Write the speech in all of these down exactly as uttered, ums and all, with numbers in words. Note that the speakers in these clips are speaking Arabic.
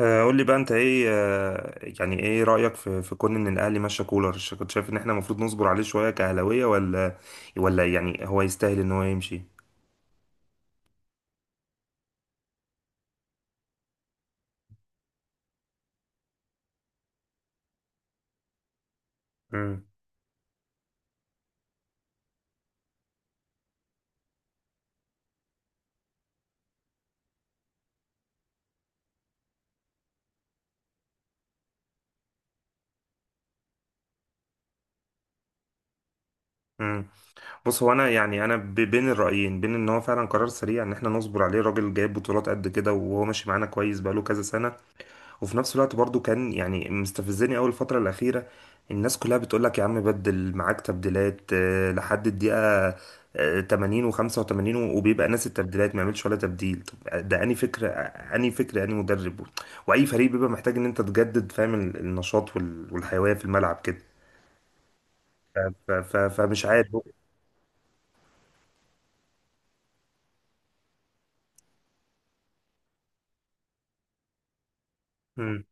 آه، قول لي بقى انت ايه آه، يعني ايه رأيك في في كون ان الاهلي ماشي كولر، ش- كنت شايف ان احنا المفروض نصبر عليه شوية كأهلاوية، ولا ولا يعني هو يستاهل ان هو يمشي؟ امم. امم. بص، هو انا يعني انا ب- بين الرأيين، بين ان هو فعلا قرار سريع، ان احنا نصبر عليه، راجل جايب بطولات قد كده وهو ماشي معانا كويس بقاله كذا سنة. وفي نفس الوقت برضو كان يعني مستفزني أول الفترة الأخيرة. الناس كلها بتقول لك يا عم بدل، معاك تبديلات، آه، لحد الدقيقة آه، ثمانين و85، وبيبقى ناس التبديلات ما يعملش ولا تبديل. طب آه، ده أنهي فكرة أنهي فكرة أنهي مدرب؟ وأي فريق بيبقى محتاج إن أنت تجدد، فاهم، ال- النشاط وال- والحيوية في الملعب كده. ف- ف- فمش عارف. مم.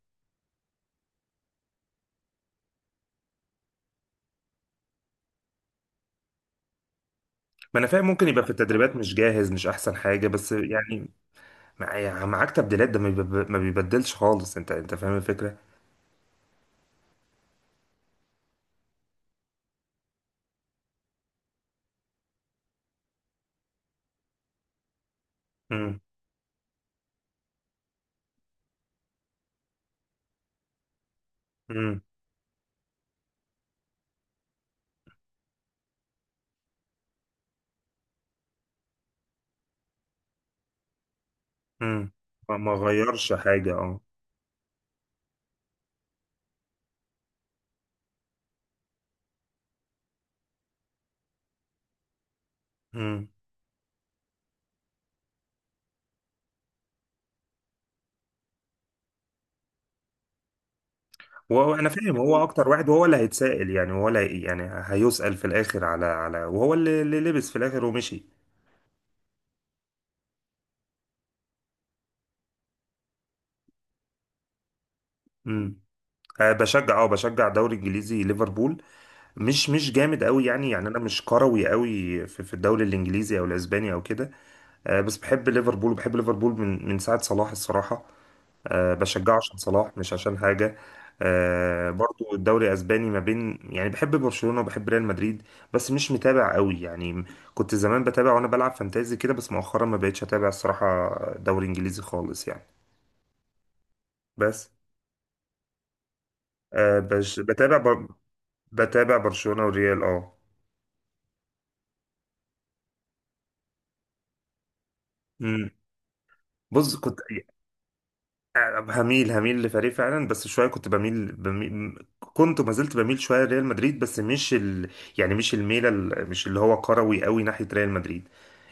ما انا فاهم، ممكن يبقى في التدريبات مش جاهز مش احسن حاجه، بس يعني مع- معاك تبديلات، ده ما بيب- ما بيبدلش خالص، انت انت فاهم الفكره. امم. مم. ما ما غيرش حاجة، اه. مم. وهو انا فاهم، هو اكتر واحد، وهو اللي هيتسائل، يعني هو اللي هي- يعني هيسأل في الاخر على على، وهو اللي, اللي لبس في الاخر ومشي. مم. أه. بشجع اه بشجع الدوري الانجليزي، ليفربول. مش مش جامد قوي، يعني يعني انا مش كروي قوي في, في الدوري الانجليزي او الاسباني او كده. أه، بس بحب ليفربول، وبحب ليفربول من من ساعة صلاح الصراحة. أه، بشجعه عشان صلاح، مش عشان حاجة. أه، برضو الدوري الأسباني، ما بين يعني بحب برشلونة وبحب ريال مدريد، بس مش متابع قوي يعني. كنت زمان بتابع وأنا بلعب فانتازي كده، بس مؤخرا ما بقتش أتابع الصراحة. دوري إنجليزي خالص يعني. بس. أه، بش بتابع بر... بتابع برشلونة والريال، اه. مم. بص، كنت هميل هميل لفريق فعلا، بس شويه كنت بميل, بميل، كنت وما زلت بميل شويه لريال مدريد، بس مش ال... يعني مش الميله ال- مش اللي هو كروي قوي ناحيه ريال مدريد.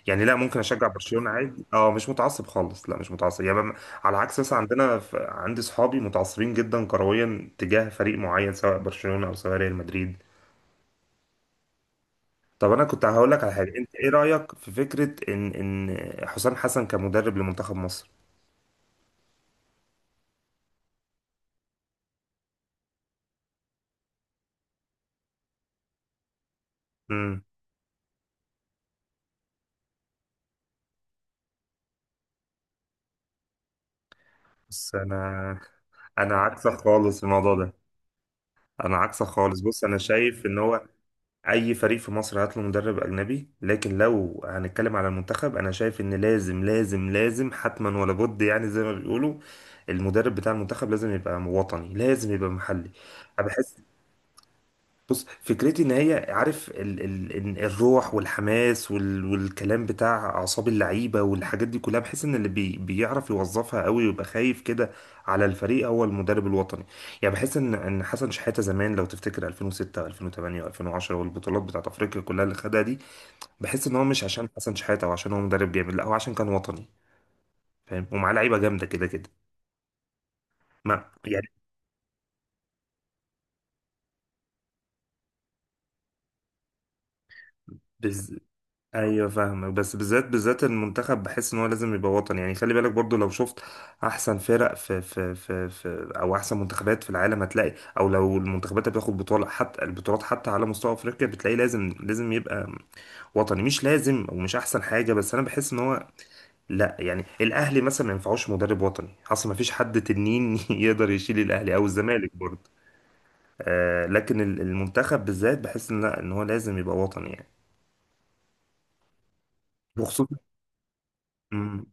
يعني لا، ممكن اشجع برشلونه عادي، اه، مش متعصب خالص، لا، مش متعصب يعني بم- على عكس مثلا عندنا ف... عندي صحابي متعصبين جدا كرويا تجاه فريق معين، سواء برشلونه او سواء ريال مدريد. طب انا كنت هقول لك على حاجه، انت ايه رايك في فكره ان ان حسام حسن كمدرب لمنتخب مصر؟ امم. بس انا انا عكسك خالص في الموضوع ده، انا عكسك خالص. بص، انا شايف ان هو اي فريق في مصر هات له مدرب اجنبي، لكن لو هنتكلم على المنتخب انا شايف ان لازم لازم لازم، حتما ولا بد، يعني زي ما بيقولوا المدرب بتاع المنتخب لازم يبقى وطني، لازم يبقى محلي. بحس، بص، فكرتي ان هي عارف ال ال ال- الروح والحماس وال والكلام بتاع اعصاب اللعيبه والحاجات دي كلها، بحيث ان اللي بي بيعرف يوظفها قوي ويبقى خايف كده على الفريق هو المدرب الوطني. يعني بحس ان ان حسن شحاته زمان، لو تفتكر ألفين وستة و2008 و2010 والبطولات بتاعت افريقيا كلها اللي خدها دي، بحس ان هو مش عشان حسن شحاته او عشان هو مدرب جامد، لا هو عشان كان وطني. فاهم؟ ومعاه لعيبه جامده كده كده. ما يعني ايوه، فاهمك، بس بالذات بالذات المنتخب بحس ان هو لازم يبقى وطني، يعني خلي بالك برضو. لو شفت احسن فرق في في في, في او احسن منتخبات في العالم هتلاقي، او لو المنتخبات اللي بتاخد بطوله، حتى البطولات حتى على مستوى افريقيا، بتلاقي لازم لازم يبقى وطني. مش لازم ومش احسن حاجه، بس انا بحس ان هو، لا يعني الاهلي مثلا ما ينفعوش مدرب وطني اصلا، ما فيش حد تنين يقدر يشيل الاهلي او الزمالك برضو. آه، لكن ال- المنتخب بالذات بحس ان لا، ان هو لازم يبقى وطني يعني. وخصوصا مم،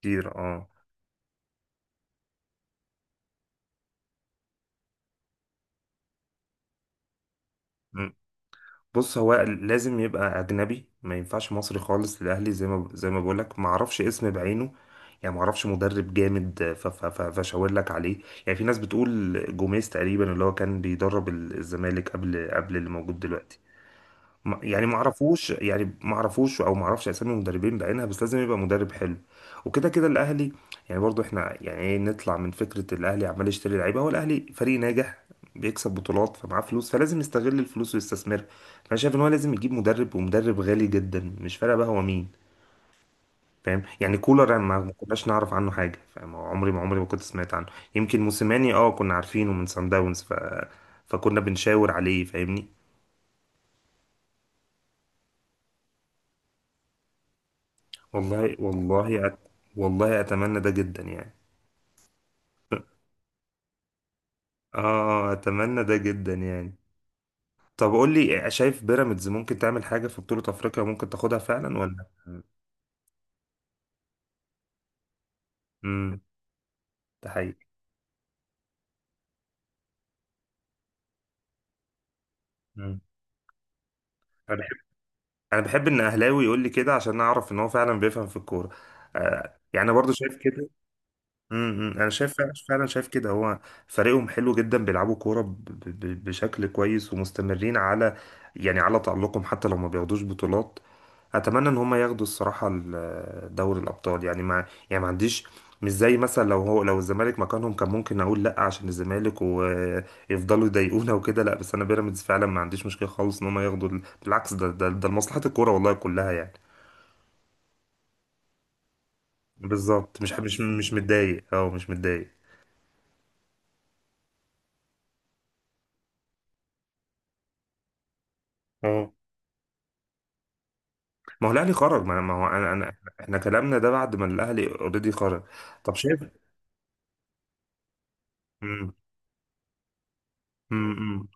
كتير اه. بص، هو لازم يبقى اجنبي، ما ينفعش مصري خالص للاهلي. زي ما زي ما بقول لك، ما اعرفش اسم بعينه، يعني ما اعرفش مدرب جامد ف- ف- ف- فاشاور لك عليه. يعني في ناس بتقول جوميز تقريبا، اللي هو كان بيدرب ال- الزمالك قبل قبل اللي موجود دلوقتي. ما- يعني ما اعرفوش، يعني ما اعرفوش او ما اعرفش اسامي مدربين بعينها، بس لازم يبقى مدرب حلو. وكده كده الاهلي، يعني برضو احنا يعني ايه، نطلع من فكره الاهلي عمال يشتري لعيبه. هو الاهلي فريق ناجح، بيكسب بطولات، فمعاه فلوس، فلازم يستغل الفلوس ويستثمرها. فانا شايف ان هو لازم يجيب مدرب، ومدرب غالي جدا، مش فارقه بقى هو مين، فاهم يعني. كولر ما ما كناش نعرف عنه حاجه، فاهم؟ عمري ما عمري ما كنت سمعت عنه. يمكن موسيماني اه كنا عارفينه من سان داونز، ف... فكنا بنشاور عليه، فاهمني. والله والله أت... والله اتمنى ده جدا يعني. اه، اتمنى ده جدا يعني. طب قول لي، شايف بيراميدز ممكن تعمل حاجه في بطوله افريقيا، ممكن تاخدها فعلا ولا؟ امم. ده حقيقي. مم. انا بحب انا بحب ان اهلاوي يقول لي كده، عشان اعرف ان هو فعلا بيفهم في الكوره. آه، يعني أنا برضو شايف كده. امم. انا شايف فعلا، فعلاً شايف كده، هو فريقهم حلو جدا، بيلعبوا كوره ب- ب- ب- بشكل كويس، ومستمرين على يعني على تألقهم، حتى لو ما بياخدوش بطولات. اتمنى ان هم ياخدوا الصراحه ال- دوري الابطال، يعني ما يعني ما عنديش، مش زي مثلا لو هو لو الزمالك مكانهم كان ممكن اقول لا، عشان الزمالك ويفضلوا يضايقونا وكده. لا، بس انا بيراميدز فعلا ما عنديش مشكله خالص ان هم ياخدوا ال- بالعكس، ده ده, ده لمصلحه الكوره والله كلها يعني. بالظبط، مش مش مش متضايق، اه مش متضايق، اه. ما هو الاهلي خرج، ما ما هو انا انا احنا كلامنا ده بعد ما الاهلي اوريدي خرج. طب شايف. امم. امم.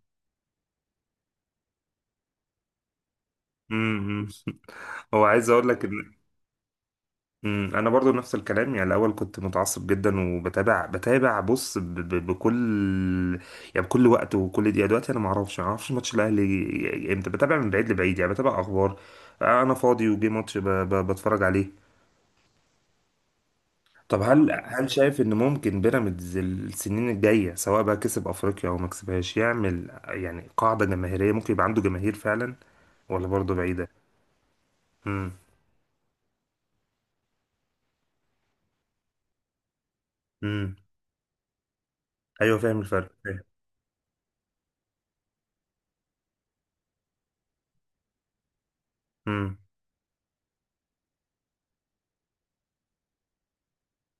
امم. هو عايز اقول لك ان، مم. انا برضو نفس الكلام، يعني الاول كنت متعصب جدا، وبتابع بتابع بص ب... ب... بكل يعني بكل وقت وكل دقيقه. دلوقتي انا ما اعرفش ما اعرفش ماتش الاهلي امتى، بتابع من بعيد لبعيد، يعني بتابع اخبار. انا فاضي وجي ماتش ب... ب... بتفرج عليه. طب هل هل شايف ان ممكن بيراميدز السنين الجايه، سواء بقى كسب افريقيا او ما كسبهاش، يعمل يعني قاعده جماهيريه، ممكن يبقى عنده جماهير فعلا ولا برضه بعيده؟ امم. امم. ايوه، فاهم الفرق. امم.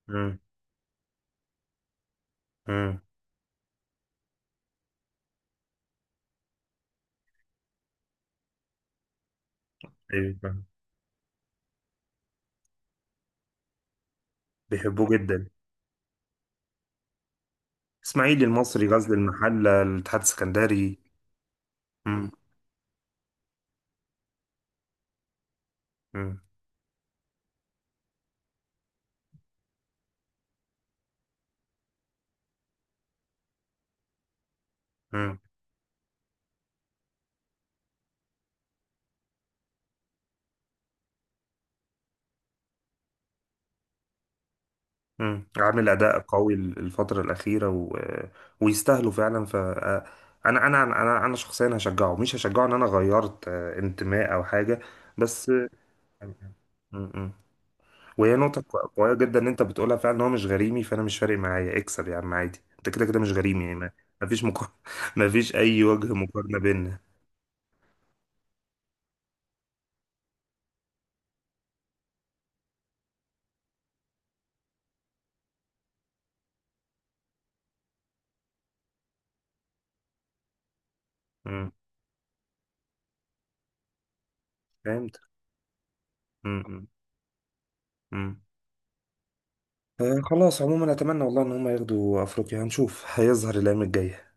امم. امم. ايوه، فاهم. بيحبوه جدا. اسماعيلي، المصري، غزل المحله، الاتحاد السكندري. امم. امم. مم. عامل اداء قوي الفتره الاخيره و... ويستاهلوا فعلا. ف انا انا انا انا شخصيا هشجعه، مش هشجعه ان انا غيرت آه، انتماء او حاجه، بس. مم. مم. وهي نقطه كو- قويه جدا ان انت بتقولها فعلا، ان هو مش غريمي، فانا مش فارق معايا اكسب يا عم عادي، انت كده كده مش غريمي يعني. ما ما فيش مقارنه، ما فيش اي وجه مقارنه بيننا. مم. فهمت. مم. مم. آه، خلاص، عموما اتمنى والله ان هم ياخدوا افريقيا، هنشوف، هيظهر الايام الجايه.